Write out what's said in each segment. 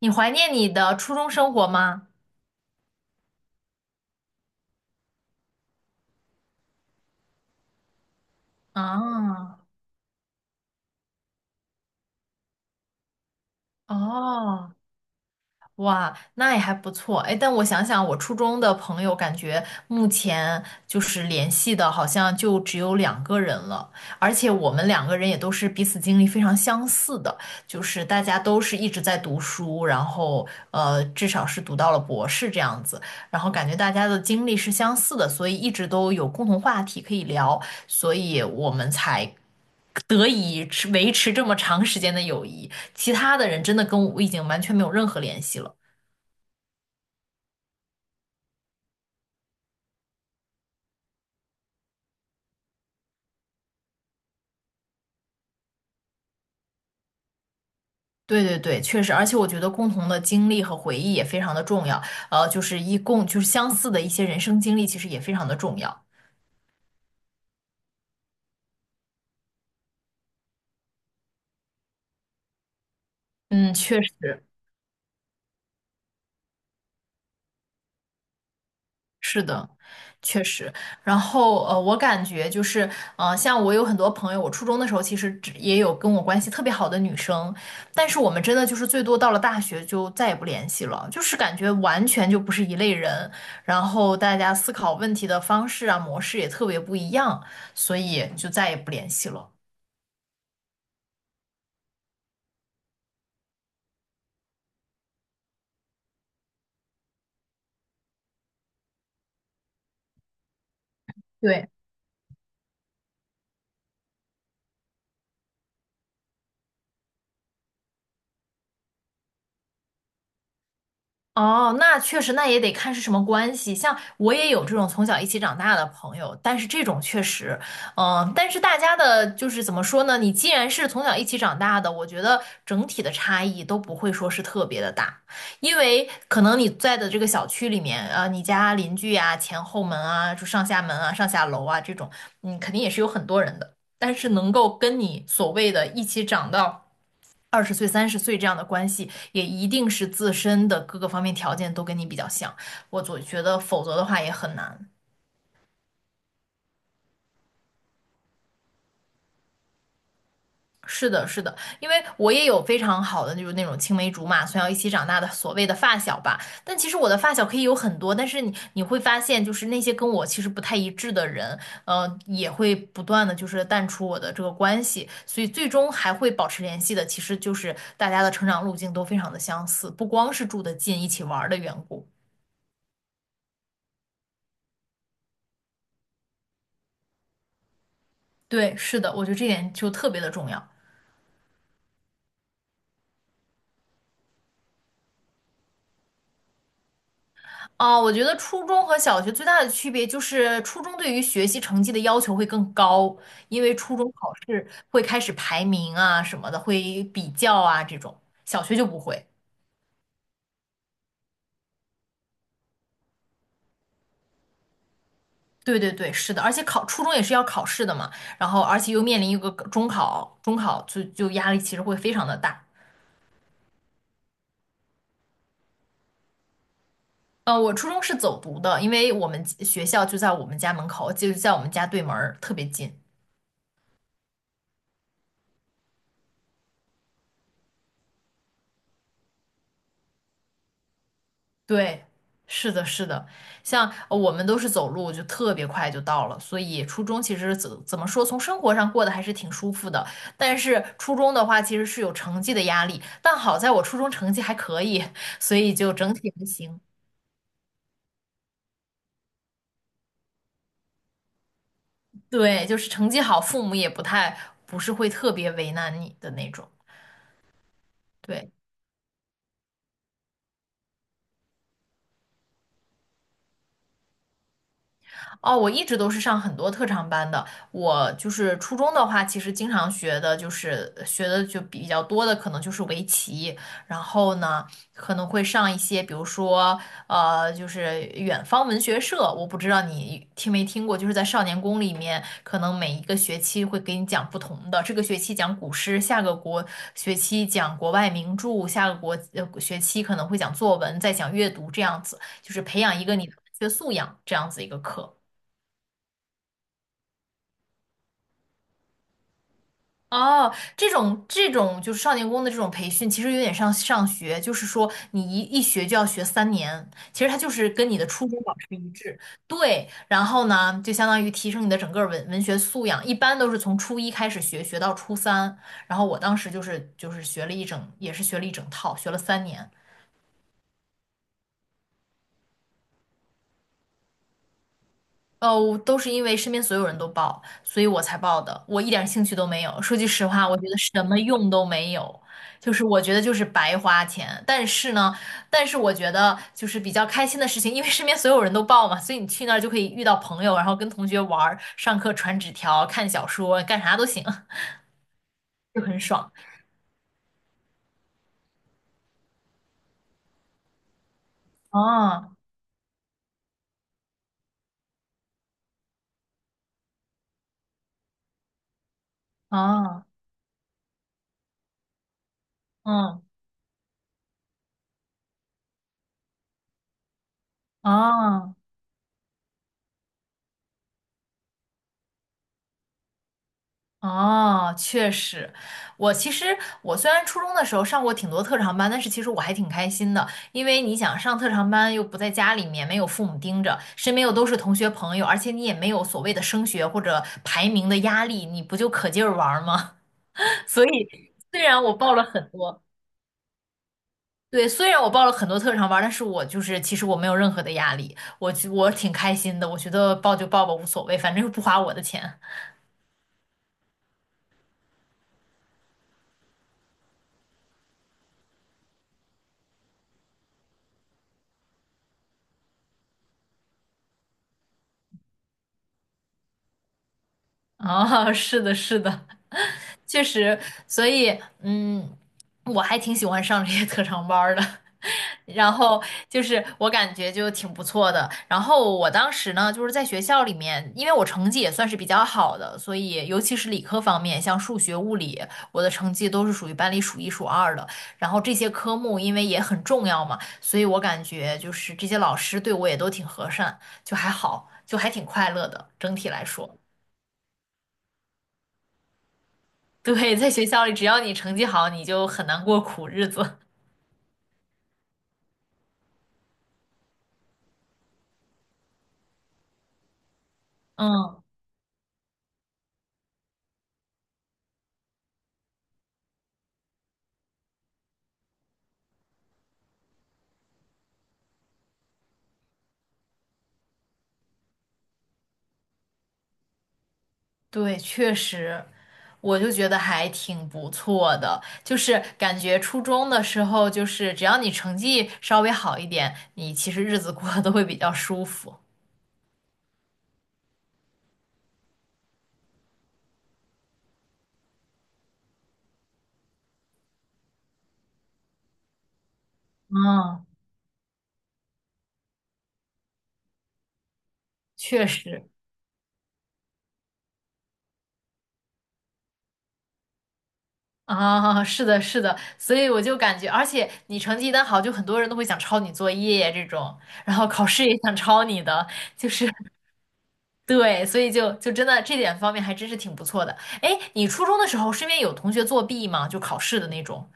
你怀念你的初中生活吗？啊，哦，哇，那也还不错。哎，但我想想，我初中的朋友，感觉目前就是联系的，好像就只有两个人了。而且我们两个人也都是彼此经历非常相似的，就是大家都是一直在读书，然后至少是读到了博士这样子。然后感觉大家的经历是相似的，所以一直都有共同话题可以聊，所以我们才得以维持这么长时间的友谊，其他的人真的跟我已经完全没有任何联系了。对对对，确实，而且我觉得共同的经历和回忆也非常的重要，就是一共就是相似的一些人生经历，其实也非常的重要。嗯，确实，是的，确实。然后我感觉就是，像我有很多朋友，我初中的时候其实只也有跟我关系特别好的女生，但是我们真的就是最多到了大学就再也不联系了，就是感觉完全就不是一类人，然后大家思考问题的方式啊、模式也特别不一样，所以就再也不联系了。对，哦，那确实，那也得看是什么关系。像我也有这种从小一起长大的朋友，但是这种确实，嗯，但是大家的就是怎么说呢？你既然是从小一起长大的，我觉得整体的差异都不会说是特别的大，因为可能你在的这个小区里面，你家邻居啊、前后门啊、就上下门啊、上下楼啊这种，嗯，肯定也是有很多人的，但是能够跟你所谓的一起长到。20岁、30岁这样的关系，也一定是自身的各个方面条件都跟你比较像。我总觉得，否则的话也很难。是的，是的，因为我也有非常好的，就是那种青梅竹马，从小一起长大的所谓的发小吧。但其实我的发小可以有很多，但是你会发现，就是那些跟我其实不太一致的人，也会不断的就是淡出我的这个关系。所以最终还会保持联系的，其实就是大家的成长路径都非常的相似，不光是住得近，一起玩儿的缘故。对，是的，我觉得这点就特别的重要。啊，我觉得初中和小学最大的区别就是初中对于学习成绩的要求会更高，因为初中考试会开始排名啊什么的，会比较啊这种，小学就不会。对对对，是的，而且考初中也是要考试的嘛，然后而且又面临一个中考，中考就压力其实会非常的大。我初中是走读的，因为我们学校就在我们家门口，就在我们家对门儿特别近。对，是的，是的，像我们都是走路，就特别快就到了，所以初中其实怎么说，从生活上过得还是挺舒服的。但是初中的话，其实是有成绩的压力，但好在我初中成绩还可以，所以就整体还行。对，就是成绩好，父母也不太不是会特别为难你的那种。对。哦，我一直都是上很多特长班的。我就是初中的话，其实经常学的就比较多的，可能就是围棋。然后呢，可能会上一些，比如说就是远方文学社。我不知道你听没听过，就是在少年宫里面，可能每一个学期会给你讲不同的。这个学期讲古诗，下个学期讲国外名著，下个学期可能会讲作文，再讲阅读，这样子，就是培养一个你的文学素养这样子一个课。哦，这种就是少年宫的这种培训，其实有点像上学，就是说你一学就要学三年，其实它就是跟你的初中保持一致。对，然后呢，就相当于提升你的整个文学素养，一般都是从初一开始学，学到初三。然后我当时就是学了一整，也是学了一整套，学了三年。哦，都是因为身边所有人都报，所以我才报的。我一点兴趣都没有。说句实话，我觉得什么用都没有，就是我觉得就是白花钱。但是呢，但是我觉得就是比较开心的事情，因为身边所有人都报嘛，所以你去那儿就可以遇到朋友，然后跟同学玩儿、上课传纸条、看小说、干啥都行，就很爽。哦，哦，嗯，哦。哦，确实，我其实我虽然初中的时候上过挺多特长班，但是其实我还挺开心的，因为你想上特长班又不在家里面，没有父母盯着，身边又都是同学朋友，而且你也没有所谓的升学或者排名的压力，你不就可劲儿玩儿吗？所以虽然我报了很多，对，虽然我报了很多特长班，但是我就是其实我没有任何的压力，我挺开心的，我觉得报就报吧，无所谓，反正又不花我的钱。哦，是的，是的，确实，所以，嗯，我还挺喜欢上这些特长班儿的，然后就是我感觉就挺不错的。然后我当时呢，就是在学校里面，因为我成绩也算是比较好的，所以尤其是理科方面，像数学、物理，我的成绩都是属于班里数一数二的。然后这些科目因为也很重要嘛，所以我感觉就是这些老师对我也都挺和善，就还好，就还挺快乐的，整体来说。对，在学校里，只要你成绩好，你就很难过苦日子。嗯，对，确实，我就觉得还挺不错的。就是感觉初中的时候，就是只要你成绩稍微好一点，你其实日子过得都会比较舒服。嗯，确实啊，是的，是的，所以我就感觉，而且你成绩一旦好，就很多人都会想抄你作业这种，然后考试也想抄你的，就是对，所以就真的这点方面还真是挺不错的。哎，你初中的时候身边有同学作弊吗？就考试的那种？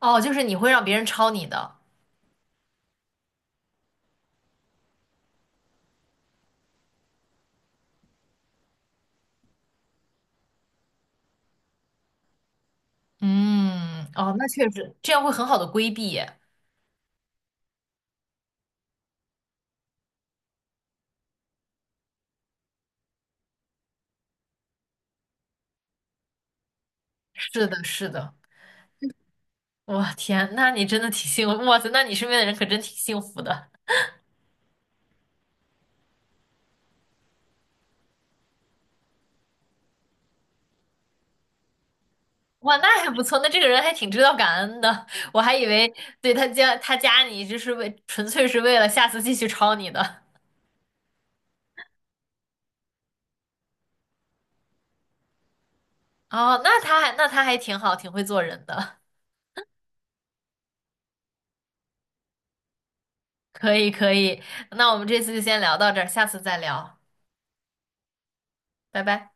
哦，就是你会让别人抄你的。嗯，哦，那确实，这样会很好的规避耶是的，是的。哇，天，那你真的挺幸福。哇塞，那你身边的人可真挺幸福的。哇，那还不错，那这个人还挺知道感恩的。我还以为对他加你，就是纯粹是为了下次继续抄你的。哦，那他还挺好，挺会做人的。可以可以，那我们这次就先聊到这儿，下次再聊，拜拜。